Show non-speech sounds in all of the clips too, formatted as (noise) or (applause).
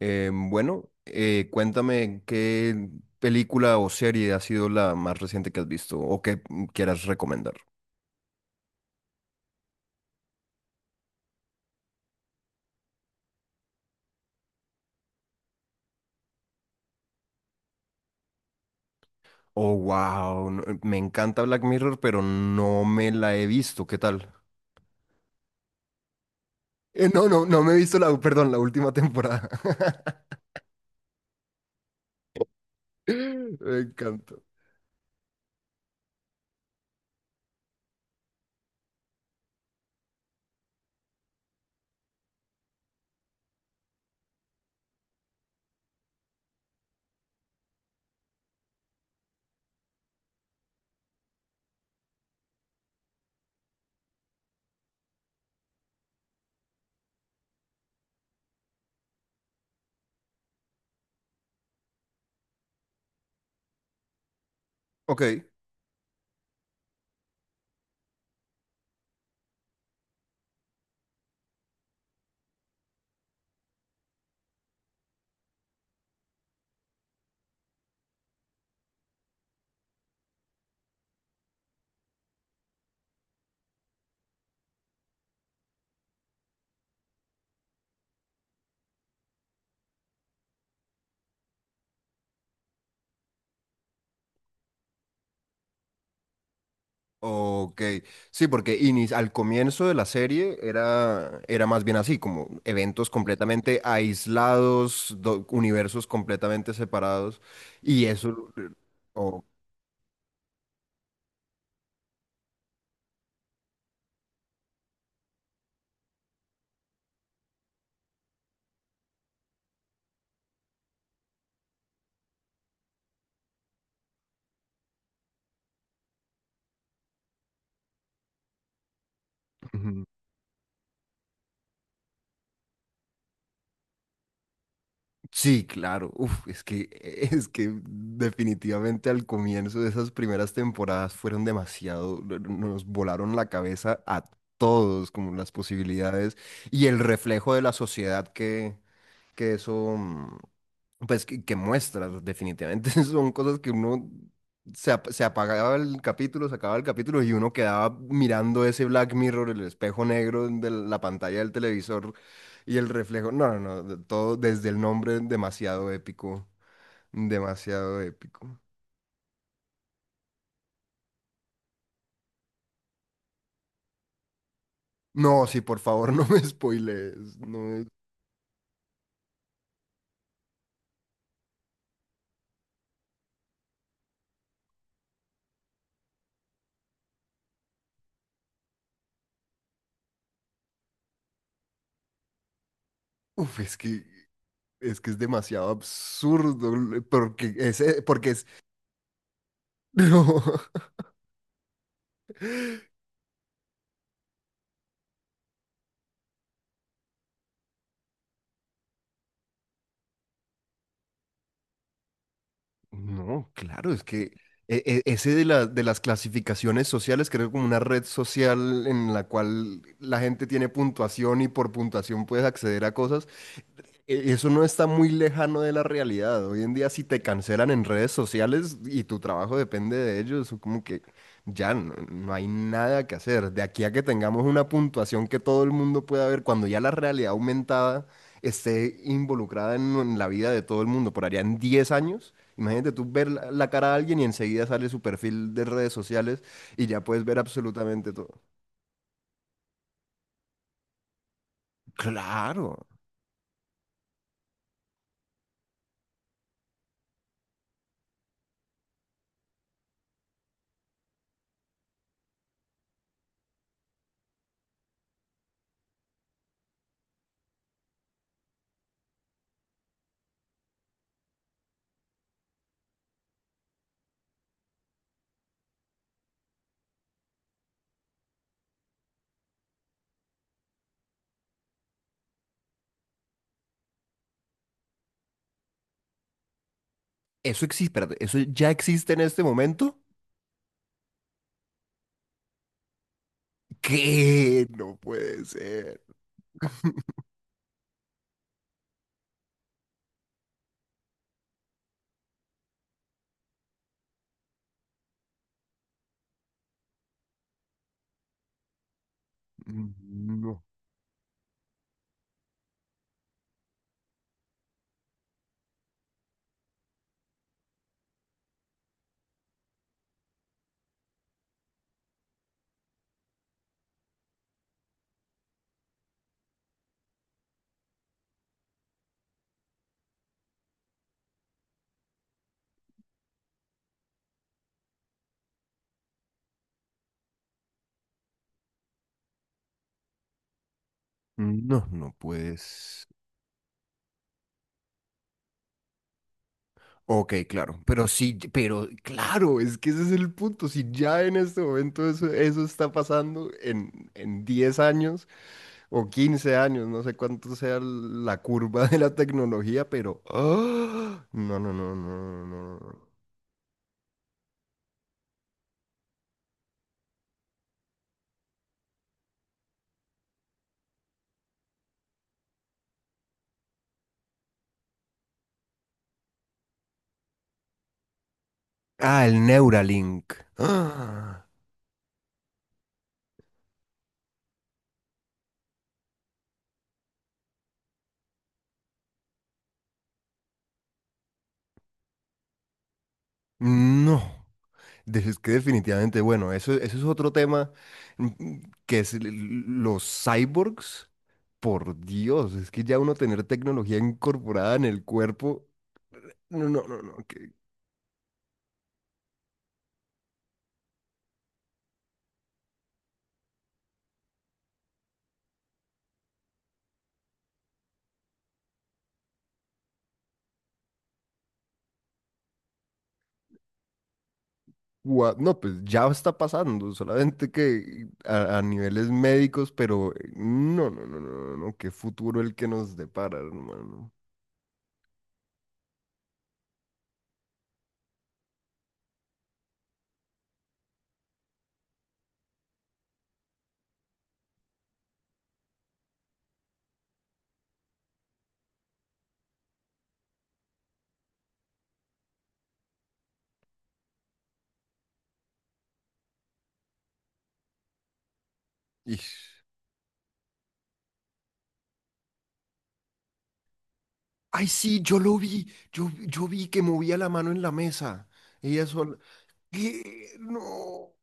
Bueno, cuéntame qué película o serie ha sido la más reciente que has visto o que quieras recomendar. Oh, wow, me encanta Black Mirror, pero no me la he visto. ¿Qué tal? No, no, no me he visto la, perdón, la última temporada. (laughs) Me encanta. Ok. Ok, sí, porque al comienzo de la serie era, era más bien así, como eventos completamente aislados, universos completamente separados, y eso... o- Ujú. Sí, claro, uf, es que, (laughs) es que definitivamente al comienzo de esas primeras temporadas fueron demasiado, nos volaron la cabeza a todos, como las posibilidades y el reflejo de la sociedad que eso, pues, que muestras, definitivamente, (laughs) son cosas que uno se apagaba el capítulo, se acababa el capítulo y uno quedaba mirando ese Black Mirror, el espejo negro de la pantalla del televisor y el reflejo. No, no, no, de- todo desde el nombre, demasiado épico, demasiado épico. No, sí, por favor, (laughs) no me spoilees, no es. Uf, es que es demasiado absurdo, porque porque es. (laughs) No. No, claro, es que ese de las clasificaciones sociales, creo como una red social en la cual la gente tiene puntuación y por puntuación puedes acceder a cosas. E- Eso no está muy lejano de la realidad. Hoy en día, si te cancelan en redes sociales y tu trabajo depende de ellos, como que ya no, no hay nada que hacer. De aquí a que tengamos una puntuación que todo el mundo pueda ver, cuando ya la realidad aumentada esté involucrada en la vida de todo el mundo, por allá en 10 años, imagínate tú ver la, la cara de alguien y enseguida sale su perfil de redes sociales y ya puedes ver absolutamente todo. Claro, eso existe, espérate, eso ya existe en este momento. ¿Qué? No puede ser. No, no, no puedes. Ok, claro, pero sí, pero claro, es que ese es el punto. Si ya en este momento eso está pasando en 10 años o 15 años, no sé cuánto sea la curva de la tecnología, pero... ¡ah! No, no, no, no, no, no. no. Ah, el Neuralink. Ah, no. Es que definitivamente, bueno, eso es otro tema mm, que es los cyborgs. Por Dios, es que ya uno tener tecnología incorporada en el cuerpo, no, no, no, no, que. No, pues ya está pasando, solamente que a niveles médicos, pero no, no, no, no, no, no, qué futuro el que nos depara, hermano. Ish. Ay, sí, yo lo vi, yo vi que movía la mano en la mesa. Ella sola. ¿Qué? No.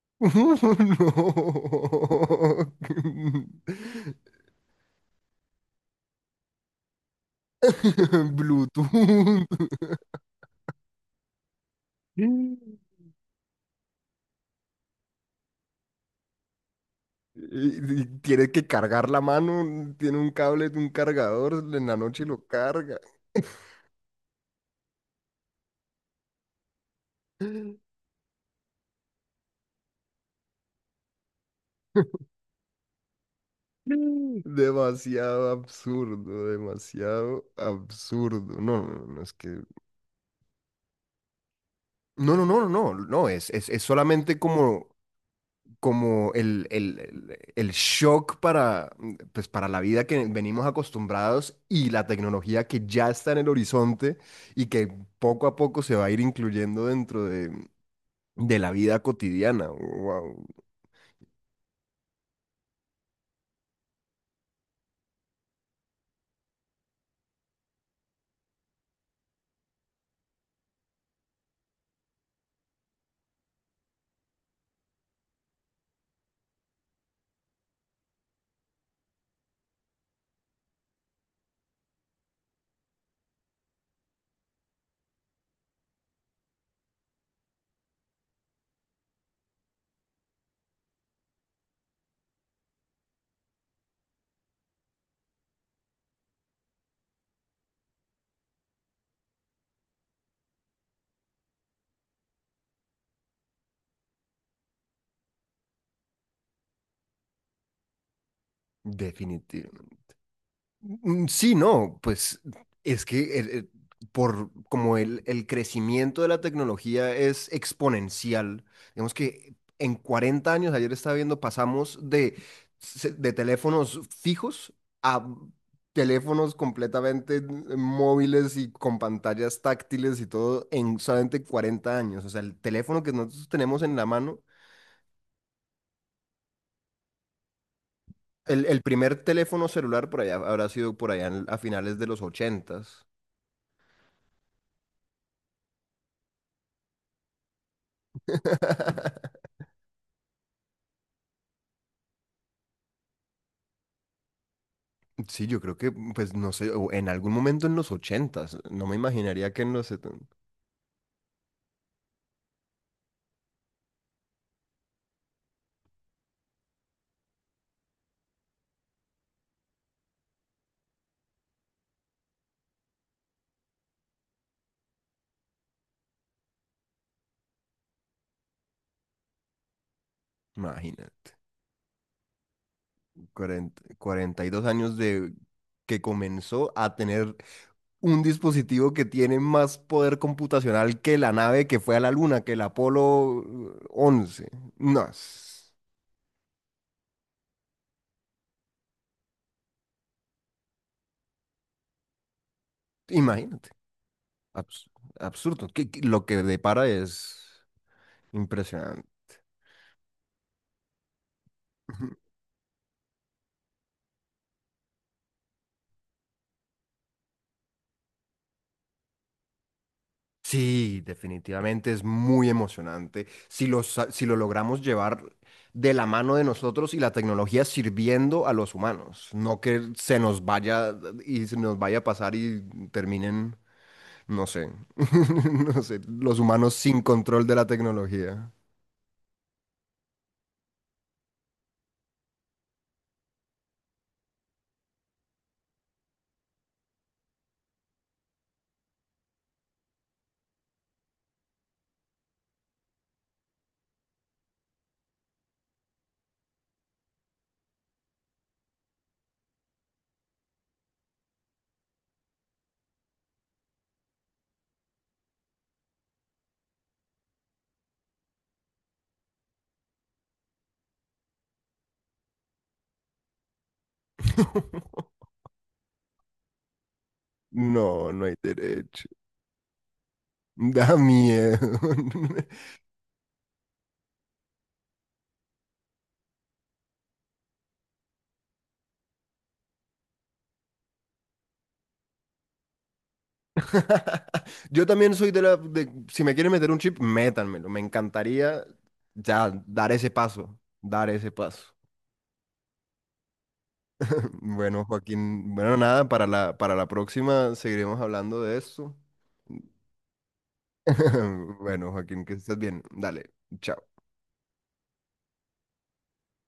(laughs) No. (laughs) Bluetooth. Y- Tiene que cargar la mano, tiene un cable de un cargador, en la noche lo carga. (laughs) Demasiado absurdo, demasiado absurdo. No, no, no, no, es que. No, no, no, no, no, no, es solamente como como el shock para, pues, para la vida que venimos acostumbrados y la tecnología que ya está en el horizonte y que poco a poco se va a ir incluyendo dentro de la vida cotidiana. Wow, definitivo. Sí, no, pues es que por como el crecimiento de la tecnología es exponencial, digamos que en 40 años, ayer estaba viendo, pasamos de, de teléfonos fijos a teléfonos completamente móviles y con pantallas táctiles y todo en solamente 40 años. O sea, el teléfono que nosotros tenemos en la mano, el primer teléfono celular por allá habrá sido por allá a finales de los ochentas. (laughs) Sí, yo creo que, pues no sé, o en algún momento en los ochentas, no me imaginaría que en los imagínate, 40, 42 años de que comenzó a tener un dispositivo que tiene más poder computacional que la nave que fue a la luna, que el Apolo 11. No, es- imagínate, abs- absurdo, que lo que depara es impresionante. (laughs) Sí, definitivamente es muy emocionante. Si si lo logramos llevar de la mano de nosotros y la tecnología sirviendo a los humanos, no que se nos vaya y se nos vaya a pasar y terminen, no sé, (laughs) no sé, los humanos sin control de la tecnología. (laughs) No, no hay derecho. Da miedo. (laughs) (laughs) Yo también soy de la... si me quieren meter un chip, métanmelo. Me encantaría ya dar ese paso, dar ese paso. (laughs) Bueno, Joaquín, bueno, nada, para la próxima seguiremos hablando de esto. (laughs) Bueno, Joaquín, que estés bien. Dale, chao.